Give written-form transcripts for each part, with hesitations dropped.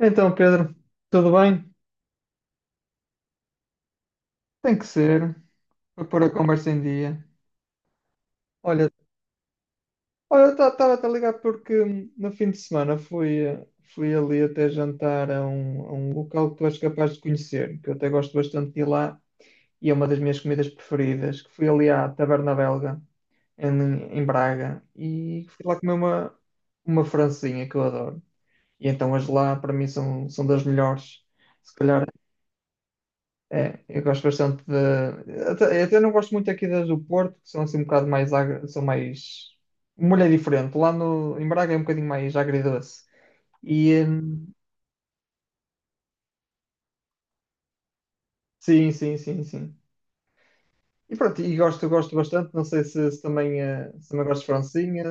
Então, Pedro, tudo bem? Tem que ser, para pôr a conversa em dia. Olha, olha, estava a ligar porque no fim de semana fui, fui ali até jantar a a um local que tu és capaz de conhecer, que eu até gosto bastante de ir lá, e é uma das minhas comidas preferidas, que fui ali à Taberna Belga, em Braga, e fui lá comer uma francesinha que eu adoro. E então as lá, para mim, são das melhores. Se calhar é, eu gosto bastante de. Até, eu até não gosto muito aqui das do Porto, que são assim um bocado mais. São mais. Uma mulher diferente. Lá no, em Braga é um bocadinho mais agridoce. E. Sim, sim, sim, sim. E pronto, e gosto, gosto bastante. Não sei se também, se também gosto de francinha.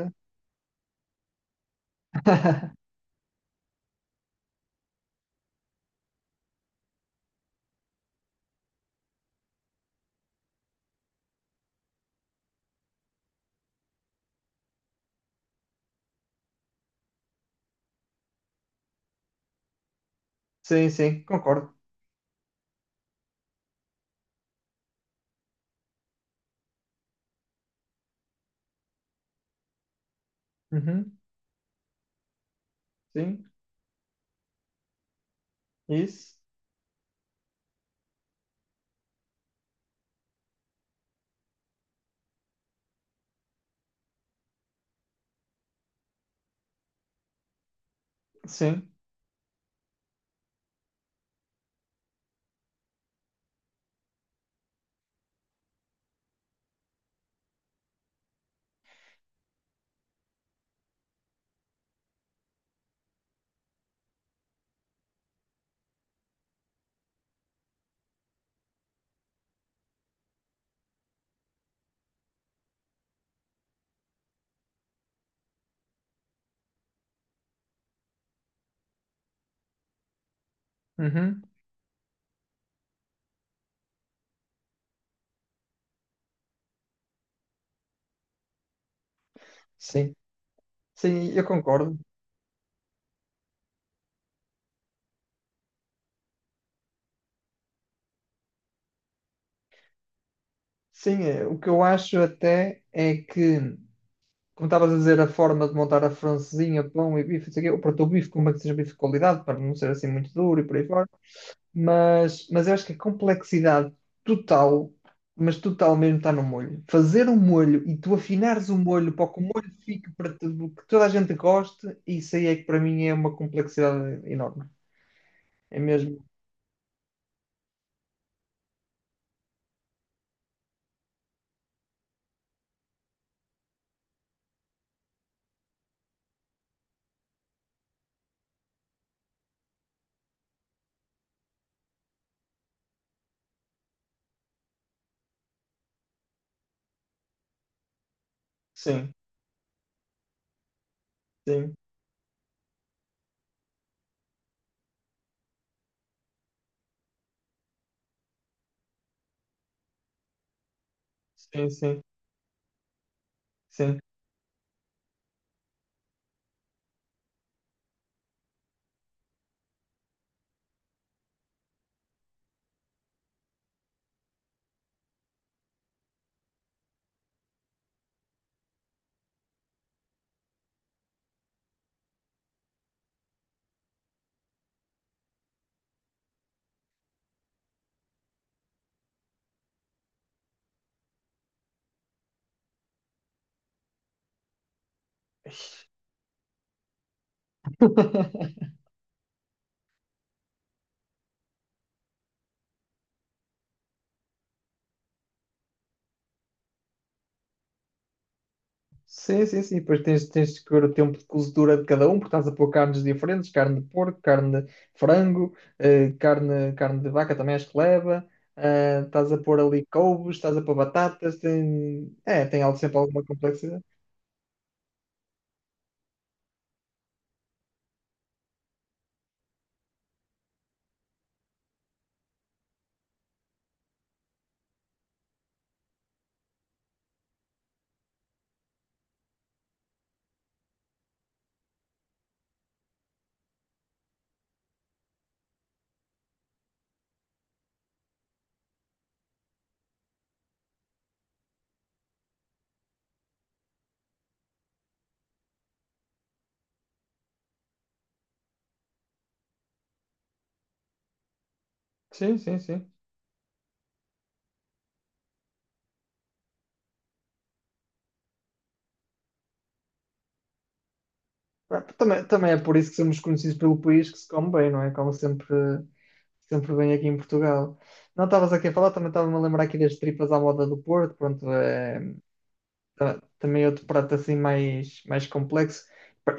Sim, sim, concordo. Uhum, sim, isso. Sim, uhum, sim. Sim, eu concordo. Sim, o que eu acho até é que, como estavas a dizer, a forma de montar a francesinha, pão e bife, não sei o quê, ou para o teu bife, como é que seja bife de qualidade, para não ser assim muito duro e por aí fora. Mas eu acho que a complexidade total, mas total mesmo, está no molho. Fazer um molho e tu afinares o molho para que o molho fique para tudo, que toda a gente goste, isso aí é que para mim é uma complexidade enorme. É mesmo? Sim, sim, sim, sim, sim. Sim, sim, sim. Depois tens de ver o tempo de cozedura de cada um, porque estás a pôr carnes diferentes, carne de porco, carne de frango, carne de vaca também acho que leva. Estás a pôr ali couves, estás a pôr batatas, tem, é, tem algo, sempre alguma complexidade. Sim, sim, sim. Ah, também, também é por isso que somos conhecidos pelo país que se come bem, não é? Como sempre, sempre bem aqui em Portugal. Não estavas aqui a falar, também estava-me a lembrar aqui das tripas à moda do Porto, pronto, é, também é outro prato assim mais complexo.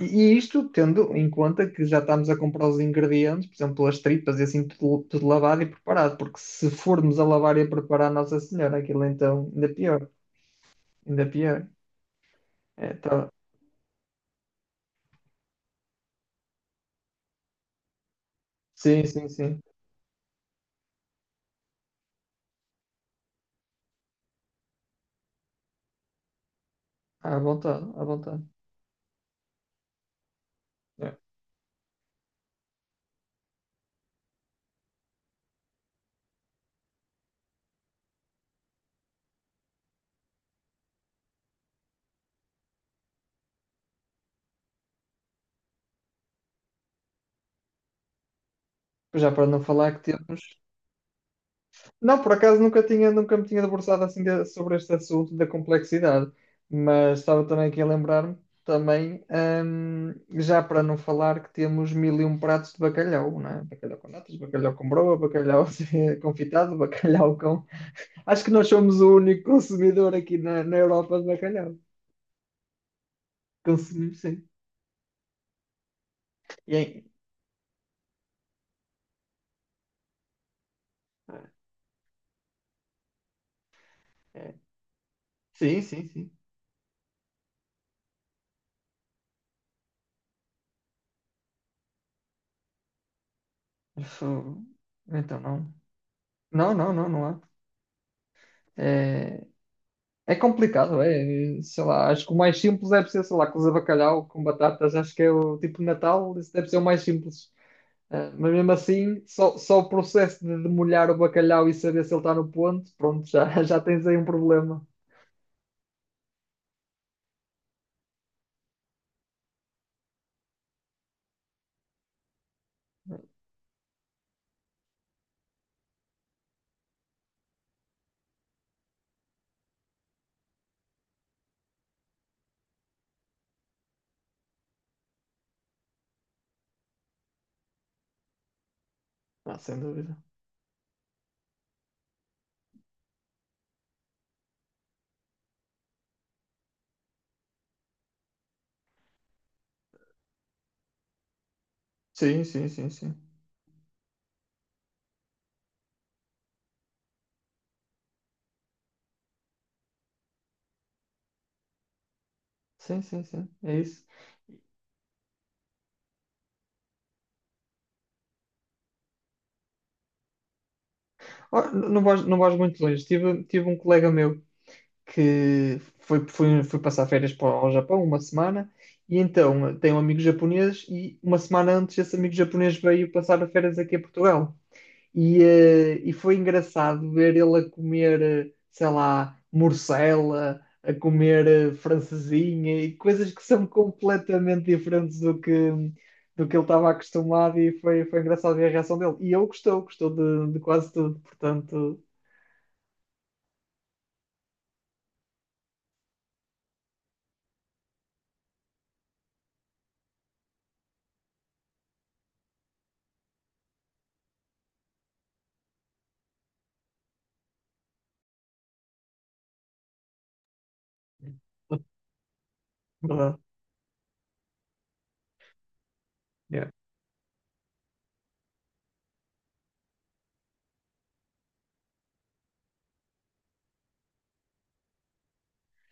E e isto tendo em conta que já estamos a comprar os ingredientes, por exemplo, as tripas e assim, tudo lavado e preparado, porque se formos a lavar e a preparar, Nossa Senhora, aquilo então ainda pior, ainda pior. É, tá. Sim, sim, sim, à vontade, à vontade. É. Já para não falar que temos. Não, por acaso nunca tinha, nunca me tinha debruçado assim sobre este assunto da complexidade, mas estava também aqui a lembrar-me também, hum, já para não falar que temos mil e um pratos de bacalhau, não é? Bacalhau com natas, bacalhau com broa, bacalhau confitado, bacalhau com... Acho que nós somos o único consumidor aqui na Europa de bacalhau. Consumimos, sim. E aí? É. Sim, sim, sim. Isso- então não. Não, não, não, não há. É, é complicado, é. Sei lá, acho que o mais simples deve ser, sei lá, cozer bacalhau com batatas. Acho que é o tipo de Natal, isso deve ser o mais simples. Ah, mas mesmo assim, só o processo de demolhar o bacalhau e saber se ele está no ponto, pronto, já, já tens aí um problema. Ah, sem dúvida. Sim, sim, sim, sim. Sim, sim, sim. É isso. Ó, não vais, não vais muito longe. Tive, tive um colega meu que foi passar férias para o Japão uma semana e então tem um amigo japonês e uma semana antes esse amigo japonês veio passar férias aqui a Portugal e, e foi engraçado ver ele a comer, sei lá, morcela, a comer francesinha e coisas que são completamente diferentes do que ele estava acostumado e foi, foi engraçado ver a reação dele. E ele gostou, gostou de quase tudo, portanto, é verdade.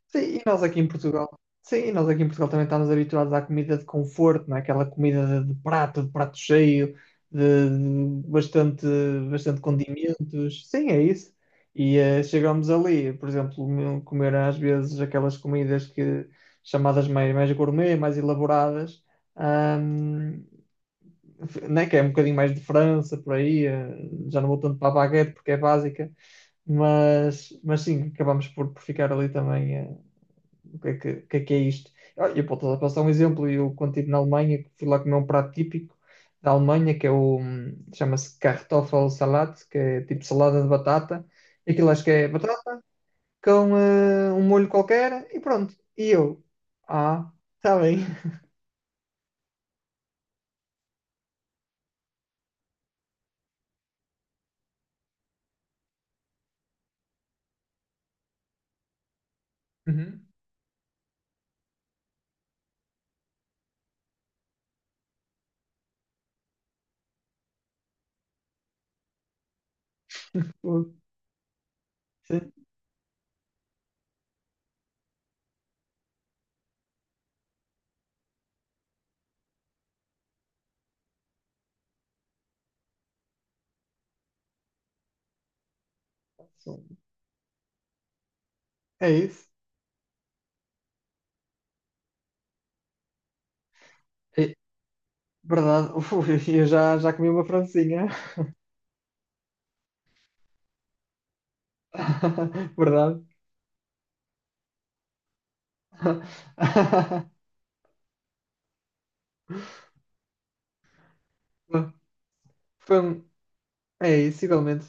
Sim, e nós aqui em Portugal. Sim, e nós aqui em Portugal também estamos habituados à comida de conforto, não é? Aquela comida de prato cheio, de, de bastante, bastante condimentos. Sim, é isso. E chegamos ali, por exemplo, comer às vezes aquelas comidas que chamadas mais, mais gourmet, mais elaboradas, ahm, né? Que é um bocadinho mais de França, por aí, já não vou tanto para a baguete porque é básica. Mas sim, acabamos por ficar ali também. O que é que, o que é isto? Ah, eu posso dar- um exemplo, eu quando estive na Alemanha, fui lá comer um prato típico da Alemanha, que é o, chama-se Kartoffelsalat, que é tipo salada de batata, aquilo acho que é batata com um molho qualquer, e pronto, e eu, ah, está bem. Uhum. Uh, sim. É isso. É, verdade. Uf, eu já, já comi uma francesinha. Verdade. Foi um- é isso, igualmente.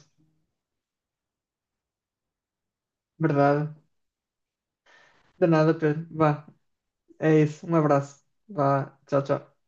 Verdade. De nada, Pedro. Vá, é isso. Um abraço. Vá, tchau, tchau.